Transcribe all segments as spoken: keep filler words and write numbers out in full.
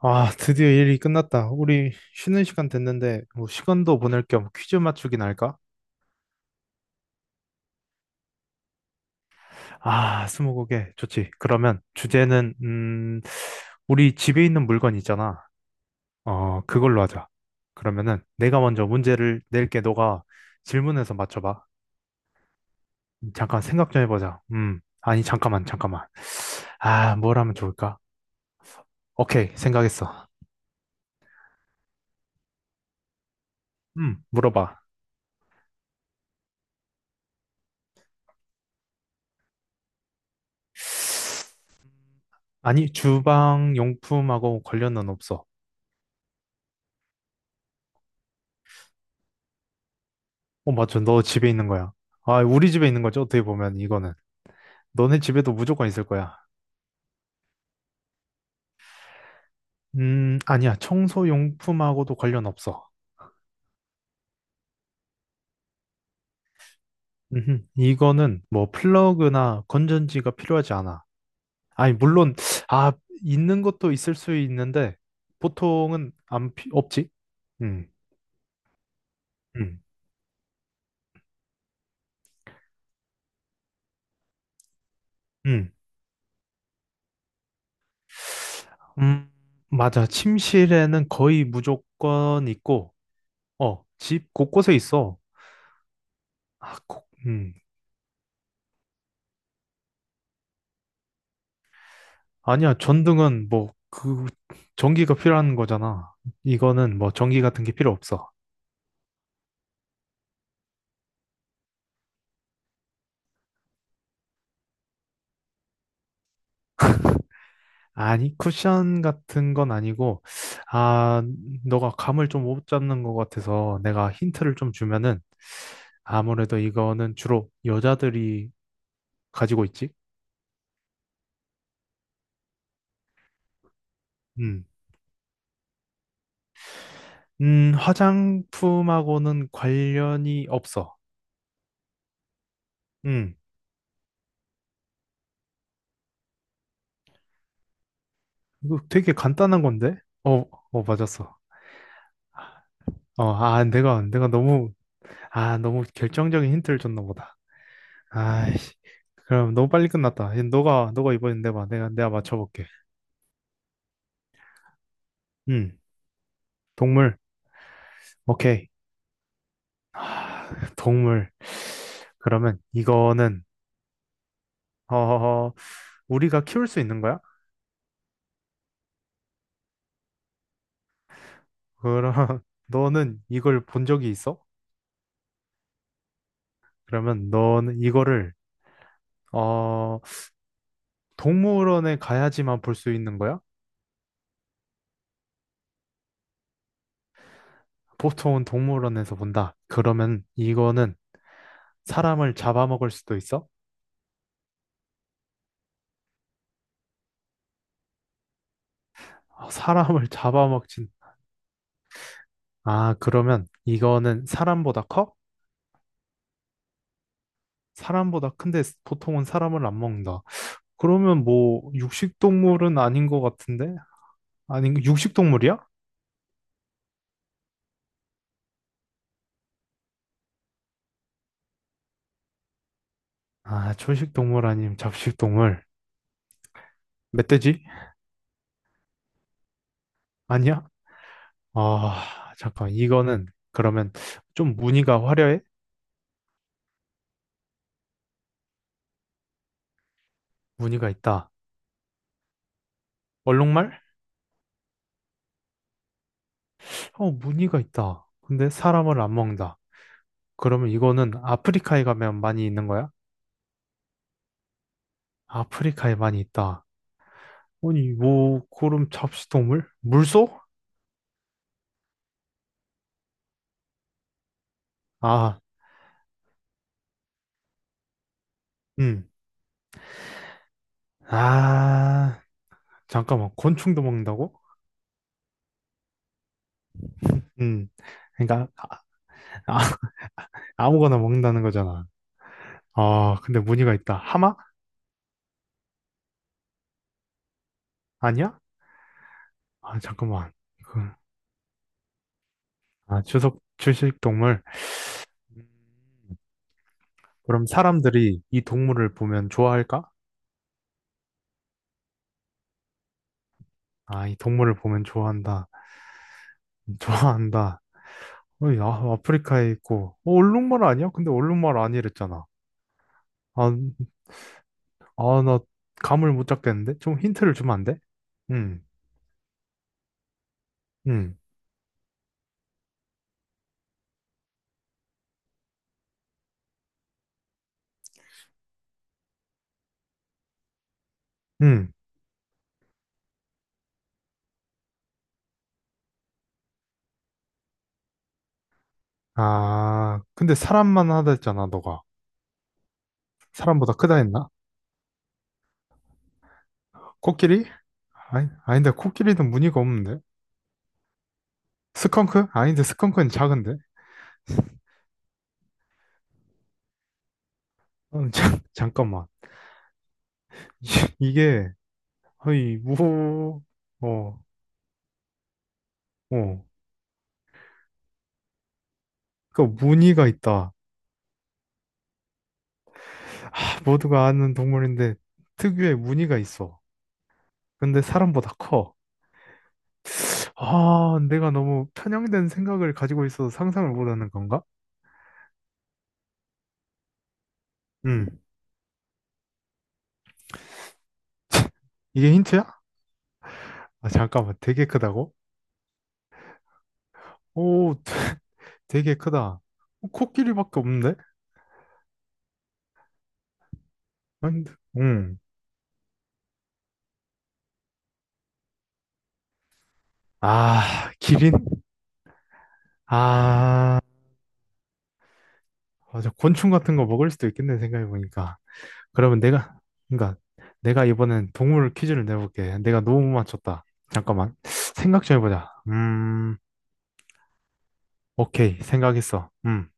아, 드디어 일이 끝났다. 우리 쉬는 시간 됐는데, 뭐 시간도 보낼 겸 퀴즈 맞추기나 할까? 아, 스무고개 좋지. 그러면 주제는, 음, 우리 집에 있는 물건 있잖아. 어, 그걸로 하자. 그러면은 내가 먼저 문제를 낼게. 너가 질문해서 맞춰봐. 잠깐 생각 좀 해보자. 음, 아니, 잠깐만, 잠깐만. 아, 뭘 하면 좋을까? 오케이, 생각했어. 음, 물어봐. 아니, 주방 용품하고 관련은 없어. 어, 맞죠. 너 집에 있는 거야. 아, 우리 집에 있는 거죠. 어떻게 보면 이거는. 너네 집에도 무조건 있을 거야. 음, 아니야. 청소용품하고도 관련 없어. 음흠. 이거는 뭐 플러그나 건전지가 필요하지 않아. 아니, 물론, 아, 있는 것도 있을 수 있는데, 보통은 안, 피- 없지? 음, 음, 음. 음, 맞아. 침실에는 거의 무조건 있고, 어, 집 곳곳에 있어. 아, 꼭, 아니야, 전등은 뭐, 그, 전기가 필요한 거잖아. 이거는 뭐, 전기 같은 게 필요 없어. 아니, 쿠션 같은 건 아니고, 아, 너가 감을 좀 못 잡는 것 같아서 내가 힌트를 좀 주면은, 아무래도 이거는 주로 여자들이 가지고 있지? 음. 음, 화장품하고는 관련이 없어. 음. 이거 되게 간단한 건데? 어, 어, 맞았어. 어, 아, 내가, 내가 너무, 아, 너무 결정적인 힌트를 줬나 보다. 아이씨, 그럼 너무 빨리 끝났다. 이- 너가, 너가 이번엔 내봐. 내가, 내가 맞춰볼게. 음, 동물. 오케이. 동물. 그러면 이거는, 어, 우리가 키울 수 있는 거야? 그럼 너는 이걸 본 적이 있어? 그러면 너는 이거를, 어, 동물원에 가야지만 볼 수 있는 거야? 보통은 동물원에서 본다. 그러면 이거는 사람을 잡아먹을 수도 있어? 어, 사람을 잡아먹진. 아, 그러면 이거는 사람보다 커? 사람보다 큰데 보통은 사람을 안 먹는다. 그러면 뭐 육식동물은 아닌 것 같은데? 아닌 육식동물이야? 아, 초식동물 아님 잡식동물. 멧돼지? 아니야? 아, 잠깐. 이거는 그러면 좀 무늬가 화려해? 무늬가 있다. 얼룩말? 어, 무늬가 있다. 근데 사람을 안 먹는다. 그러면 이거는 아프리카에 가면 많이 있는 거야? 아프리카에 많이 있다. 아니, 뭐, 그럼 잡식동물? 물소? 아, 음. 아. 잠깐만, 곤충도 먹는다고? 음, 그러니까 아, 무거나 먹는다는 거잖아. 아, 근데 무늬가 있다. 하마? 아니야? 아, 잠깐만. 그, 아, 주석 주식 동물. 음, 그럼 사람들이 이 동물을 보면 좋아할까? 아, 이 동물을 보면 좋아한다. 좋아한다. 어이, 아, 아프리카에 있고. 어, 얼룩말 아니야? 근데 얼룩말 아니랬잖아. 아, 아, 나 감을 못 잡겠는데? 좀 힌트를 주면 안 돼? 음, 음, 음. 아, 근데 사람만 하다 했잖아, 너가. 사람보다 크다 했나? 코끼리? 아니, 아닌데, 코끼리는 무늬가 없는데? 스컹크? 아닌데, 스컹크는 작은데? 음, 자, 잠깐만. 이게, 어이, 무, 어, 어. 그 무늬가 있다. 아, 모두가 아는 동물인데, 특유의 무늬가 있어. 근데 사람보다 커. 아, 내가 너무 편향된 생각을 가지고 있어서 상상을 못하는 건가? 음, 이게 힌트야? 아, 잠깐만, 되게 크다고? 오, 되게 크다. 어, 코끼리밖에 없는데? 아닌데? 응. 아, 기린? 아, 맞아. 곤충 같은 거 먹을 수도 있겠네, 생각해보니까. 그러면 내가, 그러니까 내가 이번엔 동물 퀴즈를 내볼게. 내가 너무 못 맞췄다. 잠깐만. 생각 좀 해보자. 음, 오케이. 생각했어. 음.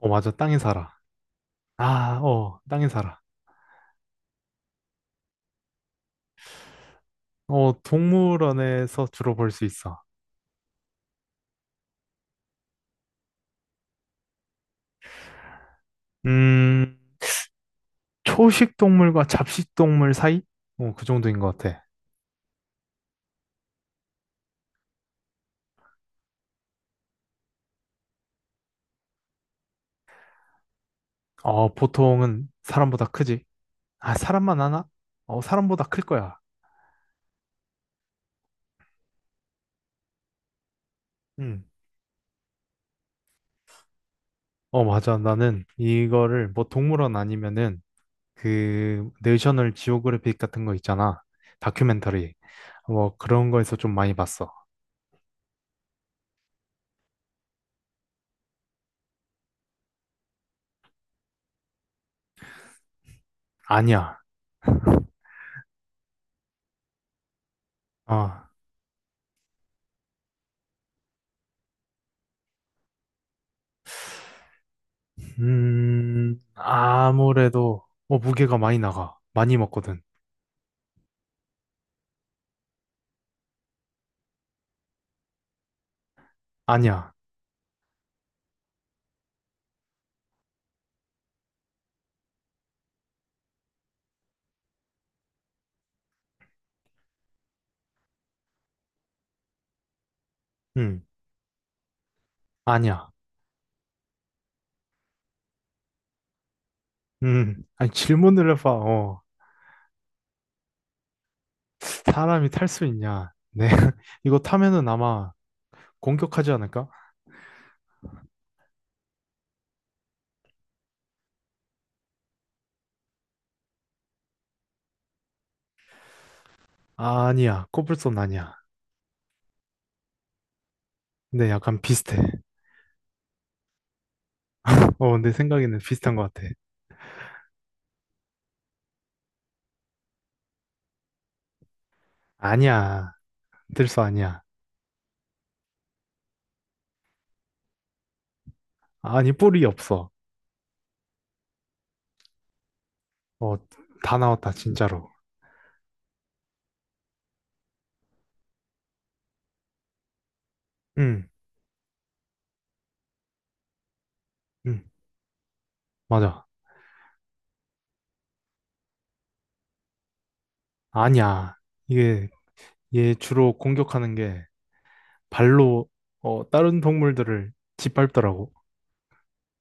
어, 맞아. 땅에 살아. 아, 어, 땅에 살아. 어, 동물원에서 주로 볼 수 있어. 음, 초식 동물과 잡식 동물 사이? 어, 그 정도인 것 같아. 어, 보통은 사람보다 크지. 아, 사람만 하나? 어, 사람보다 클 거야. 응. 어, 맞아. 나는 이거를 뭐 동물원 아니면은 그 내셔널 지오그래픽 같은 거 있잖아. 다큐멘터리. 뭐 그런 거에서 좀 많이 봤어. 아니야. 아, 음, 아무래도 뭐 무게가 많이 나가. 많이 먹거든. 아니야. 응. 아니야. 음... 아니, 질문을 해봐. 어. 사람이 탈 수 있냐? 네. 이거 타면은 아마 공격하지 않을까? 아, 아니야. 코뿔소는 아니야. 근데 약간 비슷해. 어, 내 생각에는 비슷한 것 같아. 아니야. 들소 아니야. 아니, 뿔이 없어. 어, 다 나왔다, 진짜로. 응, 응, 맞아. 아니야. 이게, 얘 주로 공격하는 게 발로, 어, 다른 동물들을 짓밟더라고.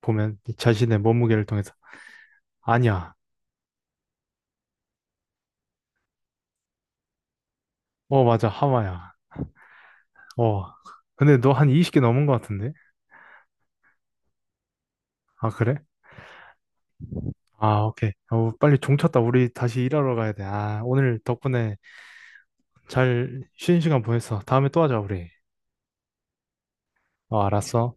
보면 자신의 몸무게를 통해서. 아니야. 어, 맞아. 하마야. 어. 근데 너 한 스무 개 넘은 것 같은데? 아, 그래? 아, 오케이. 어, 빨리 종 쳤다. 우리 다시 일하러 가야 돼. 아, 오늘 덕분에 잘 쉬는 시간 보냈어. 다음에 또 하자, 우리. 어, 알았어.